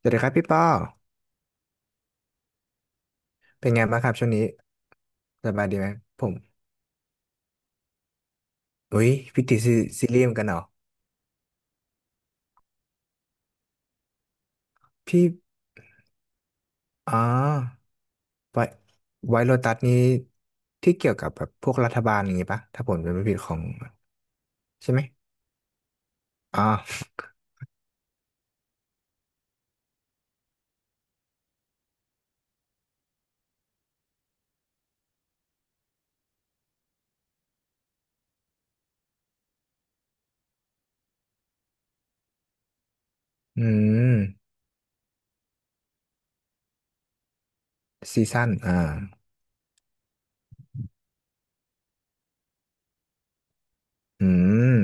สวัสดีครับพี่ป้อเป็นไงบ้างครับช่วงนี้สบายดีไหมผมอุ้ยพี่ติดซีรีส์เหมือนกันเหรอพี่อ๋อไวไวโรตัสนี้ที่เกี่ยวกับแบบพวกรัฐบาลอย่างงี้ปะถ้าผมจำไม่ผิดของใช่ไหมอ๋ออืมซีซั่นอ่าอืม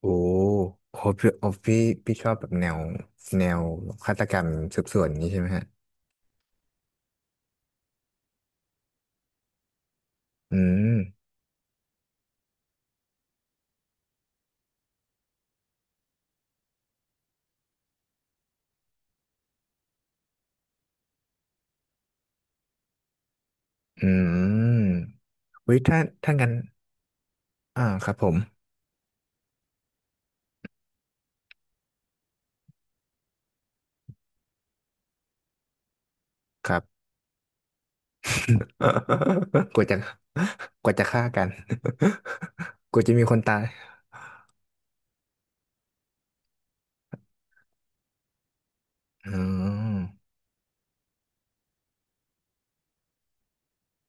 โอ้โหพี่โอ้พี่พี่ชอบแบบแนวฆาตกรรมสืบสวนอย่างงี้ใช่ไหมฮะอืมอืมอุ้ยถ้าถ้างั้นอ่าครับผมครับ กลัวจะกลัวจะฆ่ากัน กลัวจะมีคนตายอืม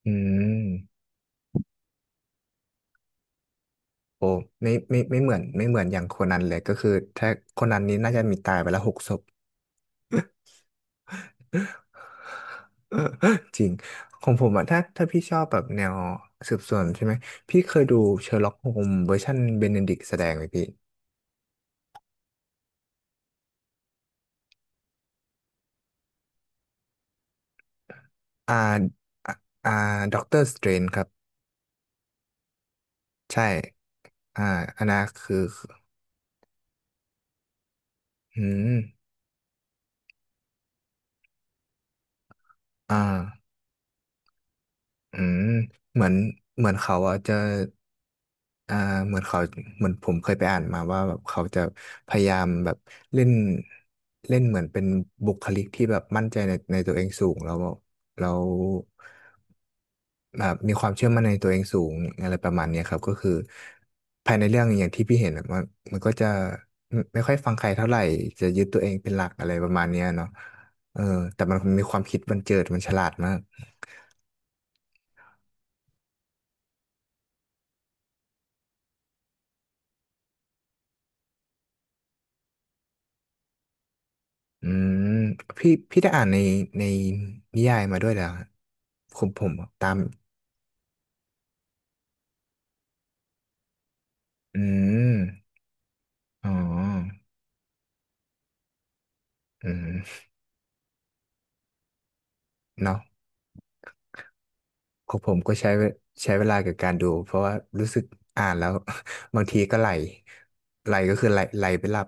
อืมโอ้ไม่เหมือนอย่างโคนันเลยก็คือถ้าโคนันนี้น่าจะมีตายไปแล้วหกศพจริงของผมอะถ้าพี่ชอบแบบแนวสืบสวนใช่ไหมพี่เคยดูเชอร์ล็อกโฮมเวอร์ชันเบเนดิกแสดงไหมพี่อ่าอ่าอ่าด็อกเตอร์สเตรนครับใช่อ่าอันนั้นคืออืมอ่า อืมเหมือนเหมือนเขาอะจะอ่าเหมือนเขาเหมือนผมเคยไปอ่านมาว่าแบบเขาจะพยายามแบบเล่นเล่นเหมือนเป็นบุคลิกที่แบบมั่นใจในตัวเองสูงแล้วแล้วแบบมีความเชื่อมั่นในตัวเองสูงอะไรประมาณเนี้ยครับก็คือภายในเรื่องอย่างที่พี่เห็นอะมันก็จะไม่ค่อยฟังใครเท่าไหร่จะยึดตัวเองเป็นหลักอะไรประมาณเนี้ยเนาะเออแต่มันมีความคิดบันเจิดมันฉลาดมาก อืมพี่ได้อ่านในในนิยายมาด้วยแล้วผมตามอืมอ๋ออืมเนาะของผมก็ใช้เวลากับการดูเพราะว่ารู้สึกอ่านแล้ว บางทีก็ไหลก็คือไหลไปหลับ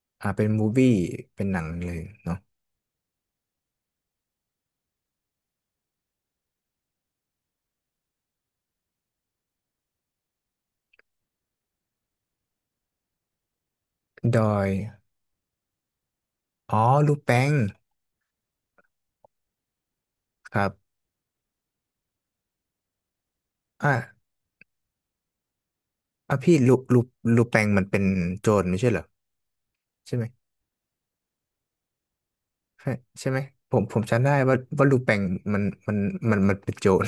อ่าเป็นมูฟวี่เป็นหนังเลยเนาะดอยอ๋อลูแปงครับอ่ะอ่ะพี่ลูแปงมันเป็นโจรไม่ใช่เหรอใช่ไหม ใช่ใช่ไหมผมจำได้ว่าลูแปงมันมันมันเป็นโจร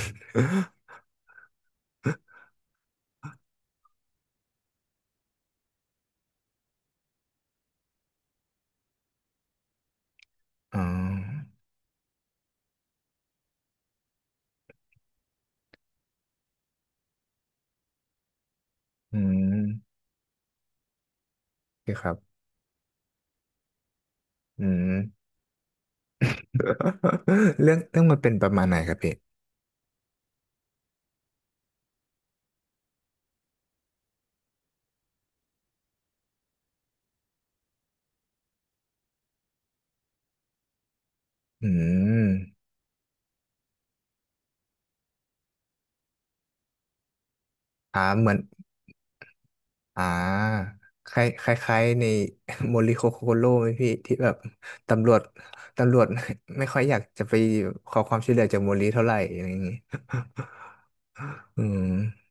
อ๋ออืมโอเคครับอืม เรื่องมันเป็นประมาณไหนครับพี่อืมอ่าเหมือนอ่าคล้ายใน โมริโคโคโร่ไหมพี่ที่แบบตำรวจตำรวจ ไม่ค่อยอยากจะไปขอความช่วยเหลือจากโมริเท่าไหร่อะไรอย่างงี้ อืม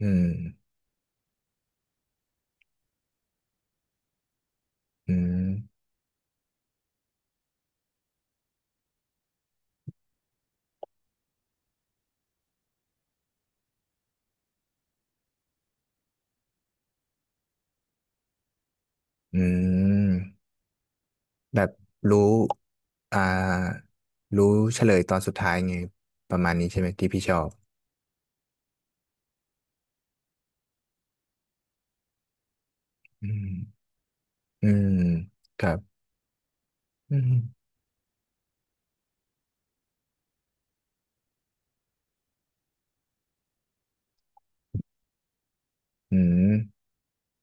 อืมอืมอืม แบบรู้ อ่า รู้เฉลยตอนสุดท้ายไงประมาณนี้ใช่ไหมที่พี่ชอบอืมอืมครับอืมอืม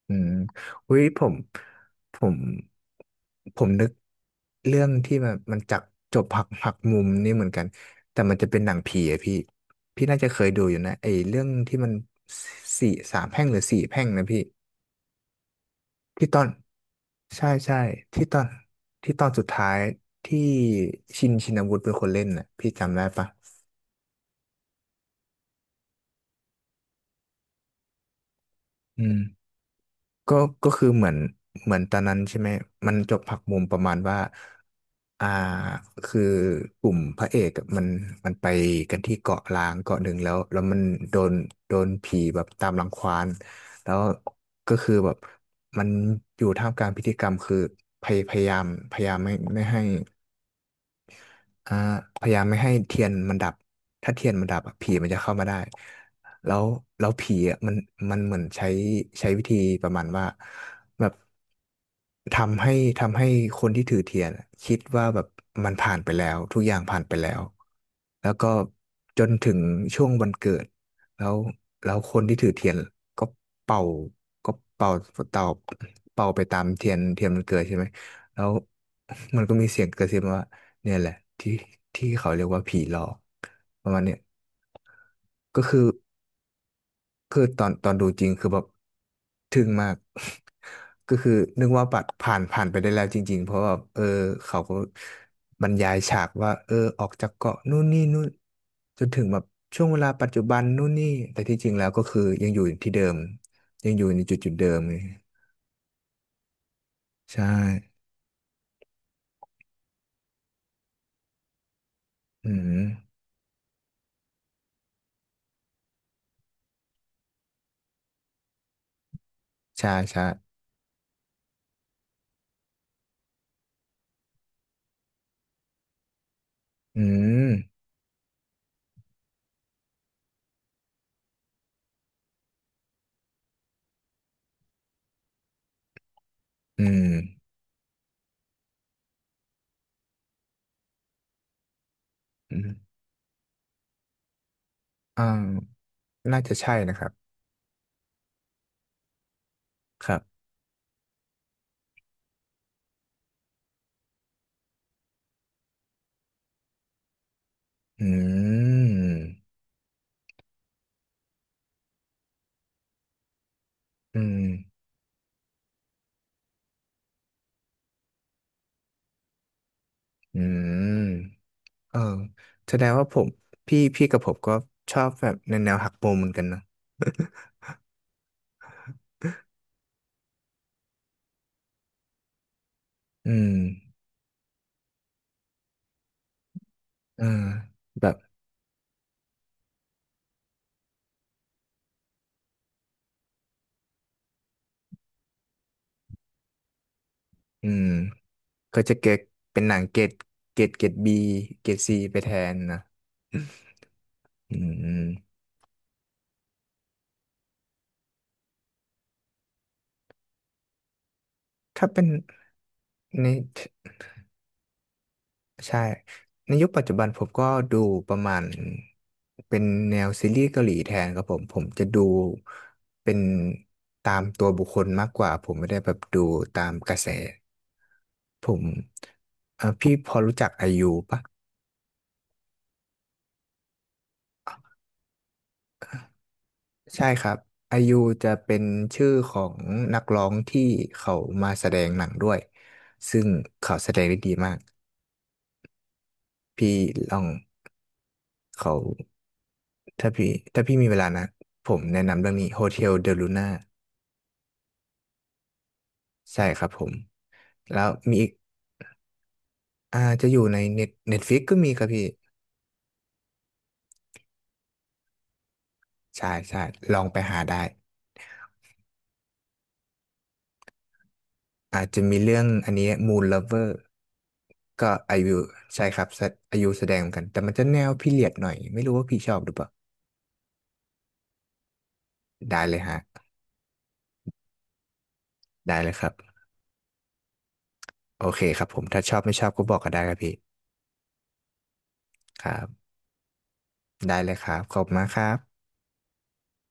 อืมอุ้ยผม ผมนึกเรื่องที่มันจบหักมุมนี่เหมือนกัน แต่มันจะเป็นหนังผีอะพี่ พี่น่าจะเคยดูอยู่นะไอ้เรื่องที่มันสามแพร่งหรือสี่แพร่งนะพี่ ที่ตอนใช่ใช่ที่ตอนที่ตอนสุดท้ายที่ชินวุฒิเป็นคนเล่นน่ะพี่จำได้ปะอืมก็ก็คือเหมือนตอนนั้นใช่ไหมมันจบผักมุมประมาณว่าอ่าคือกลุ่มพระเอกอะมันไปกันที่เกาะล้างเกาะหนึ่งแล้วแล้วมันโดนโดนผีแบบตามรังควานแล้วก็คือแบบมันอยู่ท่ามกลางพิธีกรรมคือพยายามพยายามไม่ให้ อ่าพยายามไม่ให้เทียนมันดับถ้าเทียนมันดับอะผีมันจะเข้ามาได้แล้วผีอะมันมันเหมือนใช้วิธีประมาณว่าแบบทำให้ทำให้คนที่ถือเทียนอะคิดว่าแบบมันผ่านไปแล้วทุกอย่างผ่านไปแล้วแล้วก็จนถึงช่วงวันเกิดแล้วคนที่ถือเทียนก็เป่าก็เป่าเป่าไปตามเทียนเทียนมันเกิดใช่ไหม แล้ว มันก็มีเสียงกระซิบมาว่าเนี่ยแหละที่ที่เขาเรียกว่าผีหลอกประมาณเนี้ยก็คือคือตอนดูจริงคือแบบทึ่งมาก ก็คือนึกว่าปัดผ่านไปได้แล้วจริงๆเพราะว่าเออเขาก็บรรยายฉากว่าเออออกจากเกาะนู่นนี่นู่นจนถึงแบบช่วงเวลาปัจจุบันนู่นนี่แต่ที่จริงแล้วก็คือยังอยู่ที่เดิมยังอยู่ในจุดเดิมเลยใช่อืมใช่ใช่อืม อืมอืมอ่าน่าจะใช่นะครับ ครับ อืม อืมอืมเออแสดงว่าผมพี่กับผมก็ชอบแบบแนวหักมุมเหมือนกันเนอะ อืมเออแบบ อืมก็จะเกตเป็นหนังเกรดเกรดบีเกรดซีไปแทนนะ อืมถ้าเป็นใน ใช่ ในยุคปัจจุบันผมก็ดูประมาณเป็นแนวซีรีส์เกาหลีแทนครับผม ผมจะดูเป็นตามตัวบุคคลมากกว่า ผมไม่ได้แบบดูตามกระแสผมเอ่อพี่พอรู้จักไอยูปะใช่ครับไอยูจะเป็นชื่อของนักร้องที่เขามาแสดงหนังด้วยซึ่งเขาแสดงได้ดีมากพี่ลองเขาถ้าพี่มีเวลานะผมแนะนำเรื่องนี้ Hotel de Luna ใช่ครับผมแล้วมีอีกอ่าจะอยู่ในเน็ตฟิกก็มีครับพี่ใช่ใช่ลองไปหาได้อาจจะมีเรื่องอันนี้ Moon Lover ก็ไอายุใช่ครับแสอายุแสดงเหมือนกันแต่มันจะแนวพีเรียดหน่อยไม่รู้ว่าพี่ชอบหรือเปล่าได้เลยฮะได้เลยครับโอเคครับผมถ้าชอบไม่ชอบก็บอกก็ได้ครับพี่ครับได้เลยครับขอบคุณมากครับ